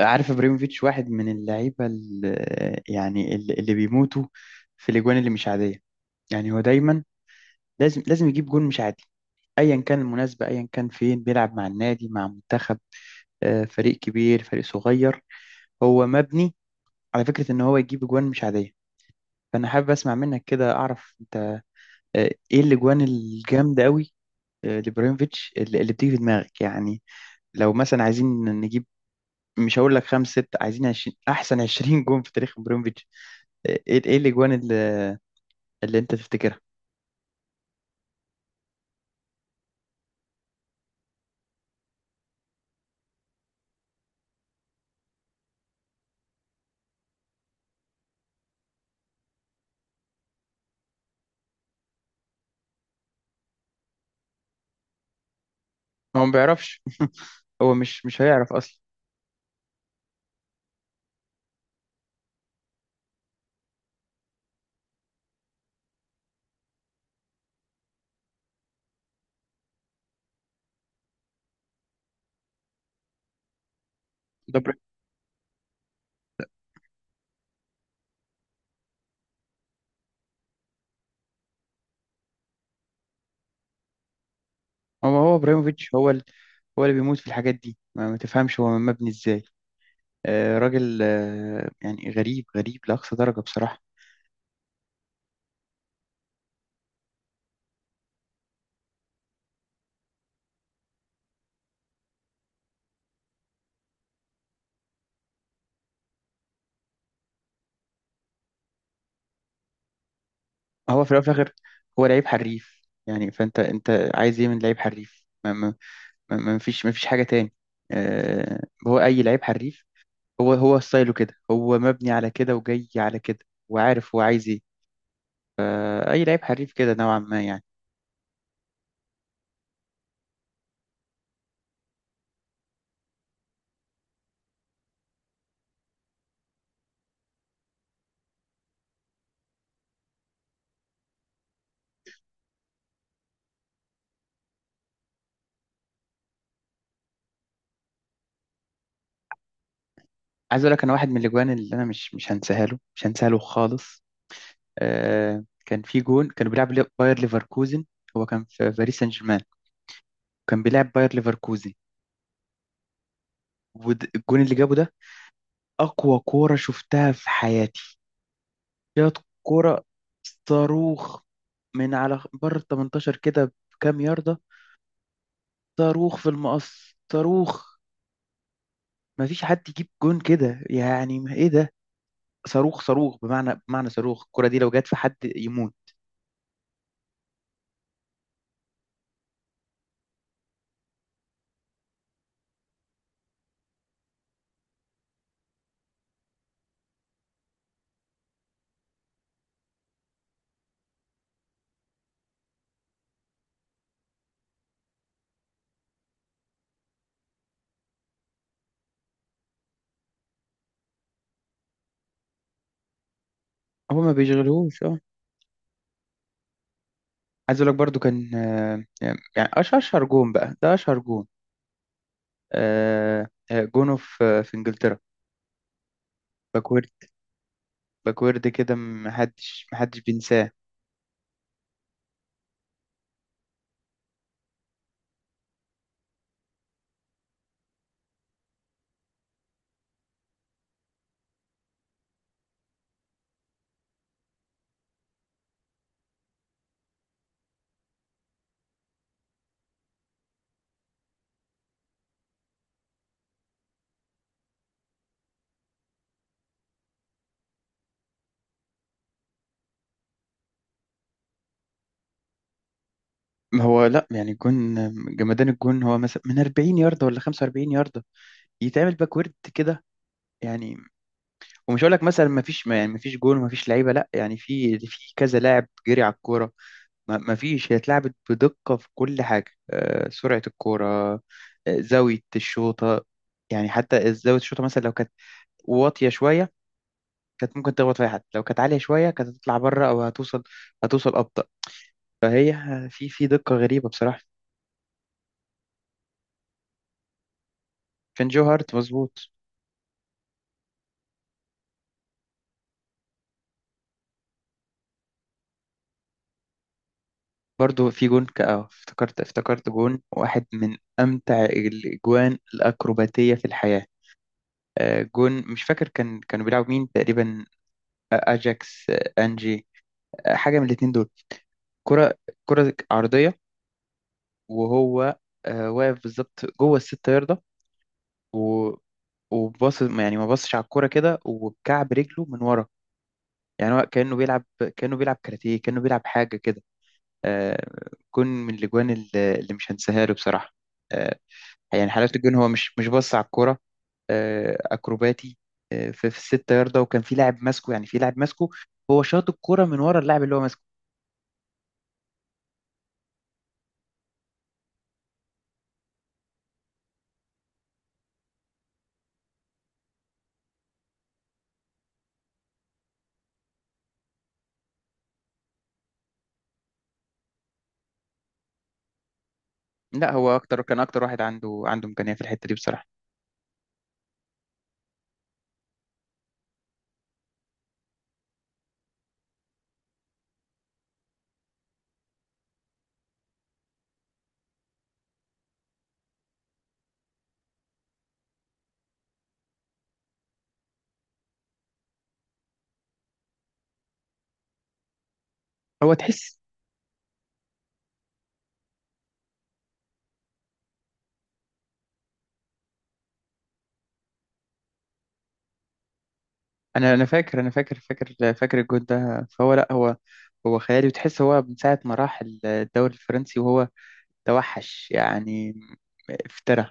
عارف ابراهيموفيتش واحد من اللعيبه اللي بيموتوا في الاجوان اللي مش عاديه. يعني هو دايما لازم يجيب جون مش عادي، ايا كان المناسبه، ايا كان فين بيلعب، مع النادي مع منتخب، فريق كبير فريق صغير. هو مبني على فكره ان هو يجيب اجوان مش عاديه. فانا حابب اسمع منك كده، اعرف انت ايه الاجوان الجامده قوي لابراهيموفيتش اللي بتيجي في دماغك. يعني لو مثلا عايزين نجيب، مش هقول لك خمس ست، عايزين 20، احسن 20 جون في تاريخ ابراهيموفيتش. ايه الاجوان اللي انت تفتكرها؟ هو ما بيعرفش، هو مش هيعرف اصلا. ده بر... هو هو ابراهيموفيتش هو ال... هو اللي بيموت في الحاجات دي، ما تفهمش هو مبني ازاي. آه راجل، آه يعني غريب لاقصى درجة بصراحة. هو في الاول وفي الاخر هو لعيب حريف، يعني فانت عايز ايه من لعيب حريف؟ ما فيش حاجة تاني. آه، هو اي لعيب حريف، هو ستايله كده، هو مبني على كده وجاي على كده وعارف هو عايز ايه. اي لعيب حريف كده نوعا ما يعني. عايز اقول لك، انا واحد من الاجوان اللي انا مش هنساها له خالص. آه كان في جون كانوا بيلعب باير ليفركوزن. هو كان في باريس سان جيرمان، كان بيلعب باير ليفركوزن، والجون اللي جابه ده اقوى كوره شفتها في حياتي. جت كوره صاروخ من على بره ال 18 كده بكام ياردة. صاروخ في المقص، صاروخ. مفيش حد يجيب جون كده، يعني ما ايه ده؟ صاروخ صاروخ، بمعنى صاروخ. الكرة دي لو جت في حد يموت. هو ما بيشغلهوش. عايز اقول لك برضو كان، يعني اشهر جون بقى، ده اشهر جون، جونه في في انجلترا، باكورد. باكورد كده محدش بينساه. ما هو لا، يعني الجون جمدان. الجون هو مثلا من 40 ياردة ولا 45 ياردة يتعمل باكورد كده. يعني ومش هقول لك مثلا ما فيش، ما يعني ما فيش جون وما فيش لعيبة، لا، يعني في في كذا لاعب جري على الكورة. ما فيش، هي اتلعبت بدقة في كل حاجة. سرعة الكورة، آه، زاوية الشوطة. يعني حتى زاوية الشوطة مثلا لو كانت واطية شوية كانت ممكن تخبط في أي حد، لو كانت عالية شوية كانت هتطلع بره أو هتوصل أبطأ. فهي في في دقة غريبة بصراحة. كان جو هارت مظبوط. برضو في جون افتكرت جون واحد من أمتع الأجوان الأكروباتية في الحياة. جون مش فاكر كان كانوا بيلعبوا مين تقريبا، أجاكس أنجي، حاجة من الاتنين دول. كرة، كرة عرضية، وهو واقف بالظبط جوه الست ياردة و- وباص، يعني ما باصش على الكرة كده، وبكعب رجله من ورا. يعني هو كأنه بيلعب، كأنه بيلعب كاراتيه، كأنه بيلعب حاجة كده. آه، جون من الأجوان اللي مش هنساها له بصراحة. آه، يعني حلاوة الجون هو مش باص على الكرة. أكروباتي في في الست ياردة، وكان في لاعب ماسكه، يعني في لاعب ماسكه، ههو شاط الكرة من ورا اللاعب اللي هو ماسكه. لا هو أكتر، كان أكتر واحد عنده إمكانية في الحتة دي بصراحة. هو تحس. انا فاكر الجون ده، فهو لا، هو هو خيالي. وتحس هو من ساعه ما راح الدوري الفرنسي وهو توحش يعني، افترى.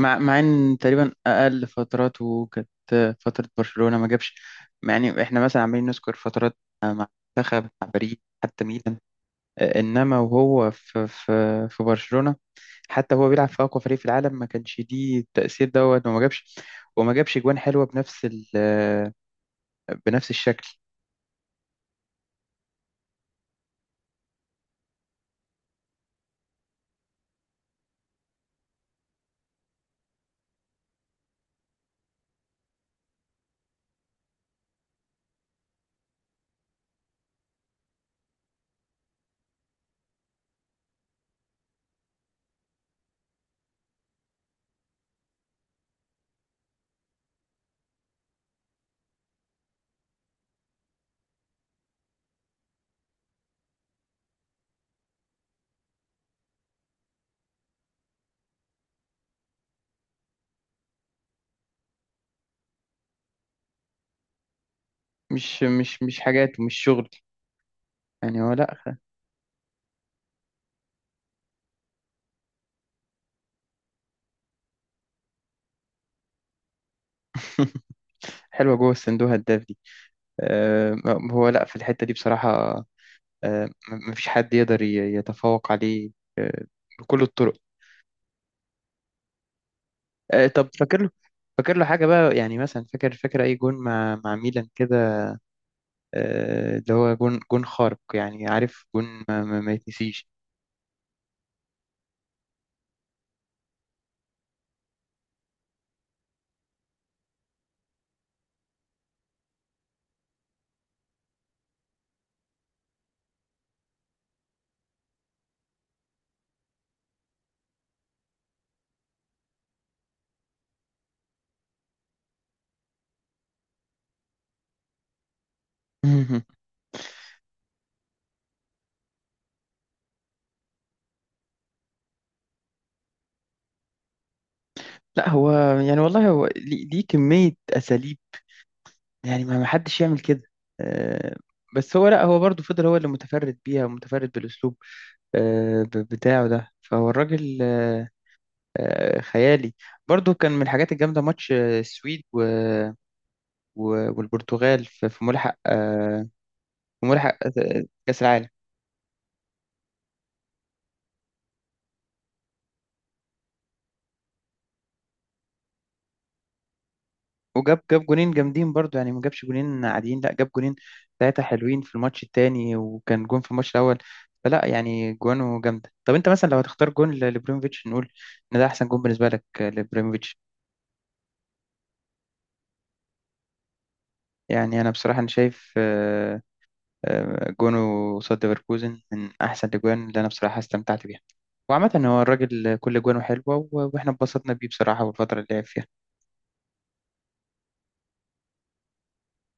مع مع ان تقريبا اقل فتراته كانت فتره برشلونه، ما جابش. يعني احنا مثلا عمالين نذكر فترات، مع منتخب، مع باريس، حتى ميلان، انما وهو في في في برشلونه، حتى هو بيلعب في اقوى فريق في العالم، ما كانش دي التاثير دوت وما جابش. وما جابش جوان حلوه بنفس ال، بنفس الشكل. مش حاجات ومش شغل، يعني هو لا. حلوة جوه الصندوق هداف دي. آه، هو لا في الحتة دي بصراحة. مفيش حد يقدر يتفوق عليه بكل الطرق. طب فاكر له، فاكر له حاجة بقى، يعني مثلا فاكر أي جون مع مع ميلان كده، اللي هو جون خارق، يعني عارف جون ما يتنسيش. لا هو، يعني والله هو ليه كمية أساليب، يعني ما ما حدش يعمل كده. آه، بس هو لا، هو برضه فضل هو اللي متفرد بيها ومتفرد بالأسلوب بتاعه ده، فهو الراجل خيالي. برضه كان من الحاجات الجامدة ماتش السويد والبرتغال في في ملحق، كأس العالم. وجاب جونين جامدين برضو، يعني ما جابش جونين عاديين، لا جاب جونين ثلاثة حلوين في الماتش التاني وكان جون في الماتش الأول. فلا يعني جوانه جامدة. طب أنت مثلا لو هتختار جون لبريموفيتش، نقول إن ده أحسن جون بالنسبة لك لبريموفيتش؟ يعني أنا بصراحة أنا شايف جونه قصاد ليفركوزن من أحسن الأجوان اللي أنا بصراحة استمتعت بيها. وعامة هو الراجل كل جوانه حلوة، وإحنا اتبسطنا بيه بصراحة، والفترة اللي لعب فيها